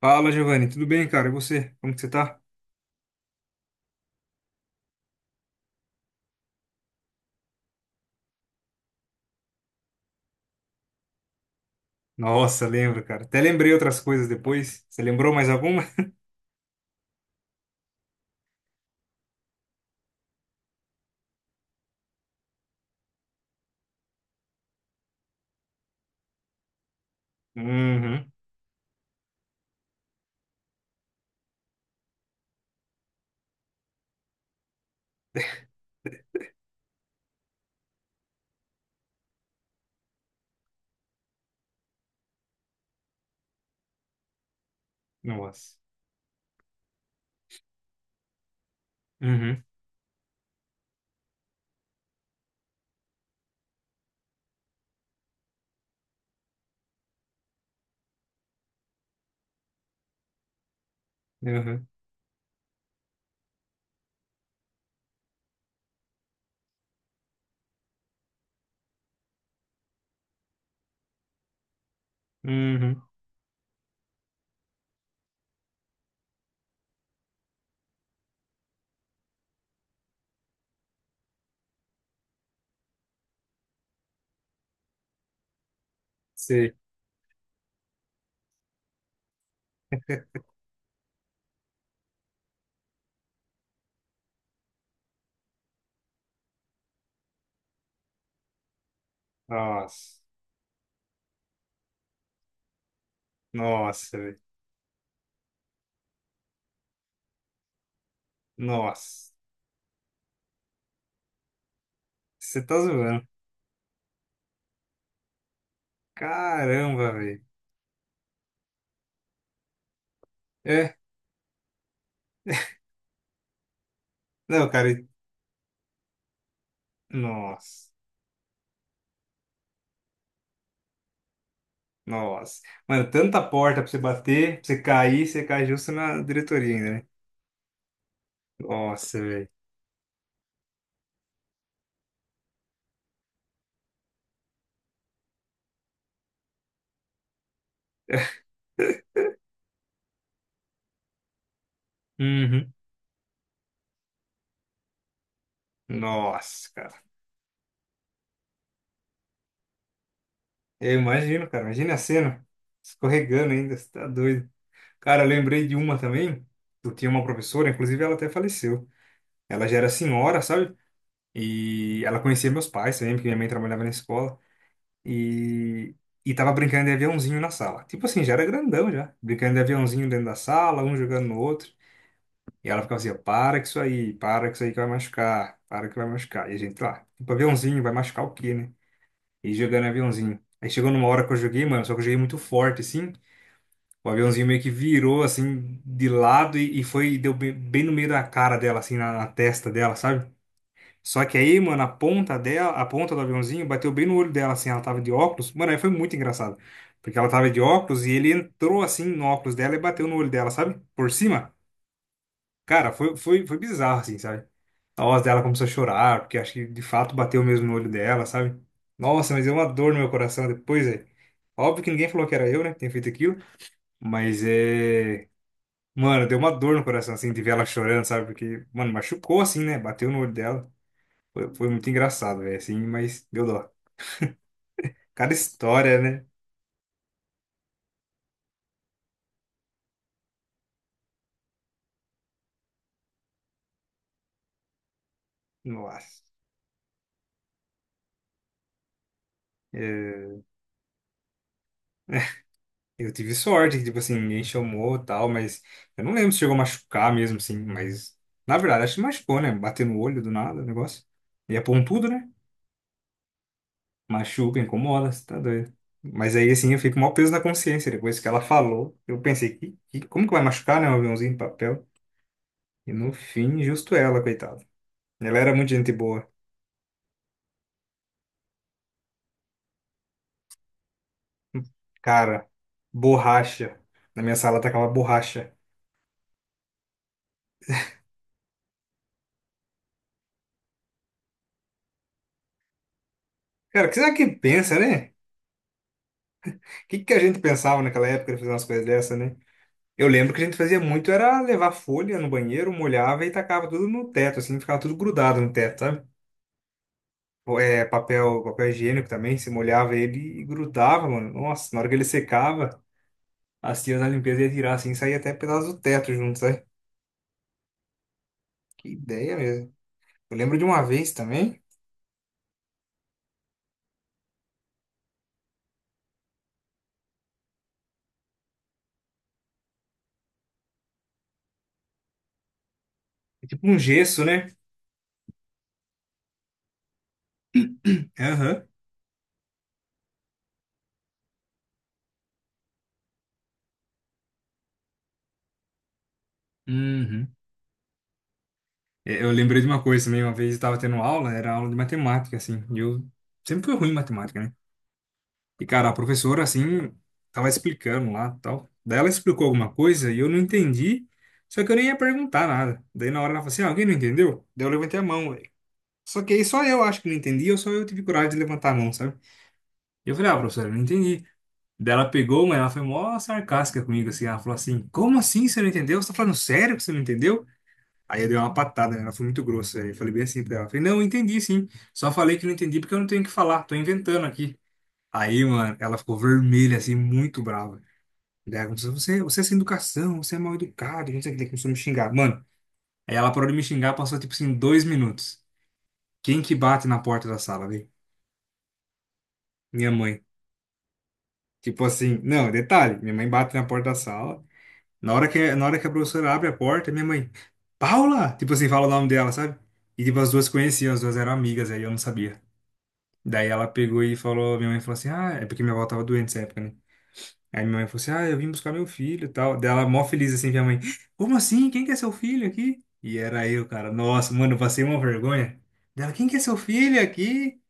Fala, Giovanni, tudo bem, cara? E você? Como que você tá? Nossa, lembro, cara. Até lembrei outras coisas depois. Você lembrou mais alguma? Uhum. Nossa. Uhum. Uhum. Uhum. Sei. Nossa. Nossa, velho. Nossa. Você tá zoando. Caramba, velho. É. Não, cara. Nossa. Nossa. Mano, tanta porta pra você bater, pra você cair, você cai justo na diretoria ainda, né? Nossa, velho. Uhum. Nossa, cara. Eu imagino, cara. Imagina a cena. Escorregando ainda, você tá doido. Cara, eu lembrei de uma também. Eu tinha uma professora, inclusive ela até faleceu. Ela já era senhora, sabe? E ela conhecia meus pais também, porque minha mãe trabalhava na escola. E, e tava brincando de aviãozinho na sala. Tipo assim, já era grandão já. Brincando de aviãozinho dentro da sala, um jogando no outro. E ela ficava assim: para com isso aí, para com isso aí que vai machucar, para que vai machucar. E a gente lá, tipo, aviãozinho, vai machucar o quê, né? E jogando aviãozinho. Aí chegou numa hora que eu joguei, mano, só que eu joguei muito forte, assim. O aviãozinho meio que virou assim de lado e foi e deu bem, bem no meio da cara dela, assim, na testa dela, sabe? Só que aí, mano, a ponta dela, a ponta do aviãozinho bateu bem no olho dela, assim, ela tava de óculos. Mano, aí foi muito engraçado. Porque ela tava de óculos e ele entrou assim no óculos dela e bateu no olho dela, sabe? Por cima. Cara, foi bizarro, assim, sabe? A voz dela começou a chorar, porque acho que de fato bateu mesmo no olho dela, sabe? Nossa, mas deu uma dor no meu coração depois, velho. Óbvio que ninguém falou que era eu, né, que tinha feito aquilo. Mas é. Mano, deu uma dor no coração, assim, de ver ela chorando, sabe? Porque, mano, machucou, assim, né? Bateu no olho dela. Foi muito engraçado, velho, assim, mas deu dó. Cada história, né? Nossa. É, eu tive sorte, que, tipo assim, ninguém chamou e tal, mas eu não lembro se chegou a machucar mesmo, assim, mas na verdade, acho que machucou, né? Bater no olho do nada, o negócio. E é pontudo, né? Machuca, incomoda, você tá doido. Mas aí, assim, eu fico com o maior peso na consciência. Depois que ela falou, eu pensei, como que vai machucar, né? Um aviãozinho de papel. E no fim, justo ela, coitada. Ela era muito gente boa. Cara, borracha. Na minha sala tacava borracha. Cara, o que será que pensa, né? O que, que a gente pensava naquela época de fazer umas coisas dessa, né? Eu lembro que a gente fazia muito era levar folha no banheiro, molhava e tacava tudo no teto, assim, ficava tudo grudado no teto, sabe? Ou, é, papel, papel higiênico também, se molhava ele e grudava, mano. Nossa, na hora que ele secava, assim, as tias da limpeza ia tirar assim, saía até pedaço do teto junto, sabe? Que ideia mesmo. Eu lembro de uma vez também, é tipo um gesso, né? Aham. Uhum. É, eu lembrei de uma coisa também, uma vez eu estava tendo aula, era aula de matemática, assim, e eu sempre fui ruim em matemática, né? E, cara, a professora, assim, tava explicando lá tal. Daí ela explicou alguma coisa e eu não entendi, só que eu nem ia perguntar nada. Daí na hora ela falou assim, "Ah, alguém não entendeu?" Daí eu levantei a mão, velho. Só que aí só eu acho que não entendi, ou só eu tive coragem de levantar a mão, sabe? E eu falei, ah, professora, eu não entendi. Daí ela pegou, mas ela foi mó sarcástica comigo, assim, ela falou assim, como assim você não entendeu? Você tá falando sério que você não entendeu? Aí eu dei uma patada, né? Ela foi muito grossa. Aí eu falei bem assim pra ela. Falei, não, eu entendi sim. Só falei que não entendi porque eu não tenho o que falar. Tô inventando aqui. Aí, mano, ela ficou vermelha, assim, muito brava. Daí ela começou, você é sem educação, você é mal educado, não sei o que. Daí começou a me xingar. Mano, aí ela parou de me xingar, passou, tipo assim, 2 minutos. Quem que bate na porta da sala, velho? Minha mãe. Tipo assim, não, detalhe, minha mãe bate na porta da sala. Na hora que a professora abre a porta, minha mãe, Paula! Tipo assim, fala o nome dela, sabe? E tipo, as duas conheciam, as duas eram amigas, aí eu não sabia. Daí ela pegou e falou, minha mãe falou assim, ah, é porque minha avó tava doente nessa época, né? Aí minha mãe falou assim, ah, eu vim buscar meu filho e tal. Daí ela mó feliz assim, minha mãe, como assim? Quem que é seu filho aqui? E era eu, cara. Nossa, mano, eu passei uma vergonha. Dela, quem que é seu filho aqui?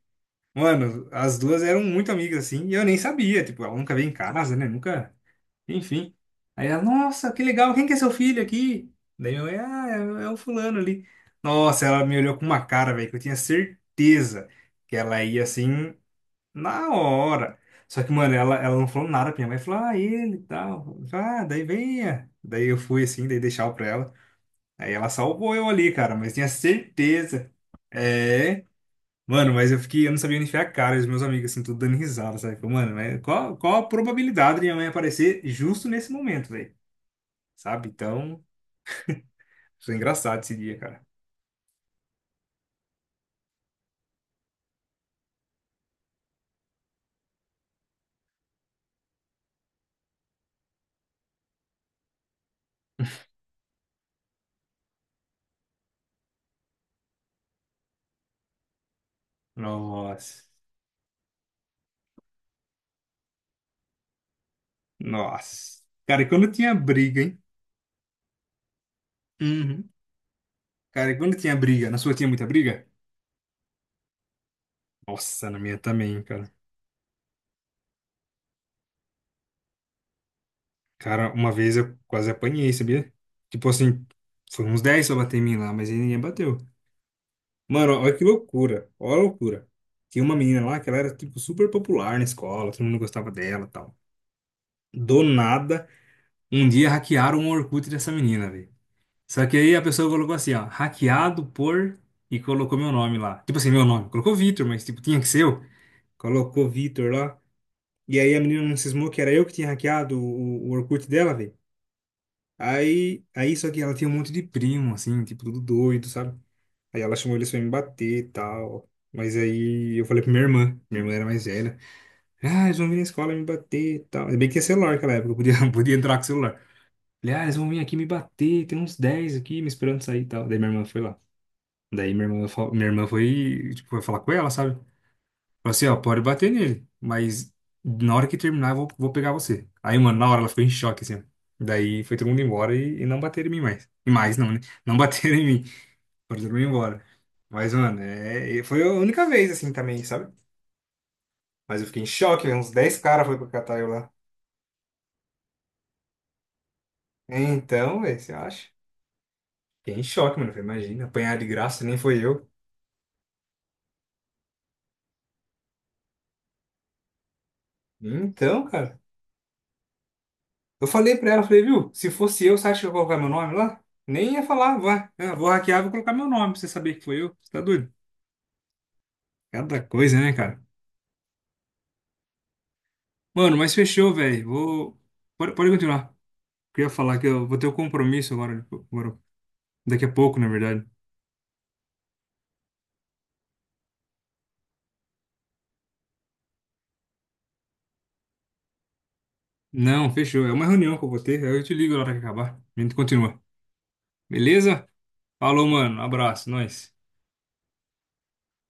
Mano, as duas eram muito amigas assim, e eu nem sabia, tipo, ela nunca veio em casa, né? Nunca, enfim. Aí ela, nossa, que legal, quem que é seu filho aqui? Daí minha mãe, ah, é o fulano ali. Nossa, ela me olhou com uma cara, velho, que eu tinha certeza que ela ia assim. Na hora. Só que, mano, ela não falou nada pra minha mãe. Falou, ah, ele e tal. Eu falei, ah, daí venha. Daí eu fui assim, daí deixava pra ela. Aí ela salvou eu ali, cara, mas tinha certeza. É. Mano, mas eu fiquei, eu não sabia onde enfiar a cara, e os meus amigos, assim, tudo dando risada, sabe? Falei, mano, mas qual a probabilidade de minha mãe aparecer justo nesse momento, velho? Sabe? Então, foi engraçado esse dia, cara. Nossa. Nossa. Cara, e quando tinha briga, hein? Uhum. Cara, e quando tinha briga? Na sua tinha muita briga? Nossa, na minha também, cara. Cara, uma vez eu quase apanhei, sabia? Tipo assim, foi uns 10 pra bater em mim lá, mas aí ninguém bateu. Mano, olha que loucura, olha a loucura. Tinha uma menina lá que ela era, tipo, super popular na escola, todo mundo gostava dela e tal. Do nada, um dia hackearam o Orkut dessa menina, velho. Só que aí a pessoa colocou assim, ó, hackeado por... E colocou meu nome lá. Tipo assim, meu nome. Colocou Vitor, mas, tipo, tinha que ser eu. Colocou Vitor lá. E aí a menina não cismou que era eu que tinha hackeado o Orkut dela, velho. Aí só que ela tinha um monte de primo, assim, tipo, tudo doido, sabe? Aí ela chamou eles pra me bater e tal. Mas aí eu falei pra minha irmã era mais velha. Ah, eles vão vir na escola me bater e tal. Ainda bem que tinha celular naquela época, eu podia, podia entrar com o celular. Falei, ah, eles vão vir aqui me bater, tem uns 10 aqui me esperando sair e tal. Daí minha irmã foi lá. Daí minha irmã, minha irmã foi, tipo, foi falar com ela, sabe? Falei assim, ó, pode bater nele, mas na hora que terminar eu vou, vou pegar você. Aí, mano, na hora ela ficou em choque, assim, ó. Daí foi todo mundo embora e não bateram em mim mais. E mais, não, né? Não bateram em mim. Foram todo mundo embora. Mas, mano, é, e foi a única vez, assim, também, sabe? Mas eu fiquei em choque, velho, uns 10 caras foi pra catar eu lá. Então, velho, você acha? Fiquei em choque, mano. Falei, imagina, apanhar de graça, nem foi eu. Então, cara. Eu falei pra ela, falei, viu, se fosse eu, você acha que eu ia colocar meu nome lá? Nem ia falar, vai, eu vou hackear, vou colocar meu nome pra você saber que foi eu. Você tá doido? Cada coisa, né, cara? Mano, mas fechou, velho. Vou. Pode continuar. Queria falar que eu vou ter um compromisso agora, tipo, agora- daqui a pouco, na verdade. Não, fechou. É uma reunião que eu vou ter. Aí eu te ligo na hora que acabar. A gente continua. Beleza? Falou, mano. Abraço. Nós.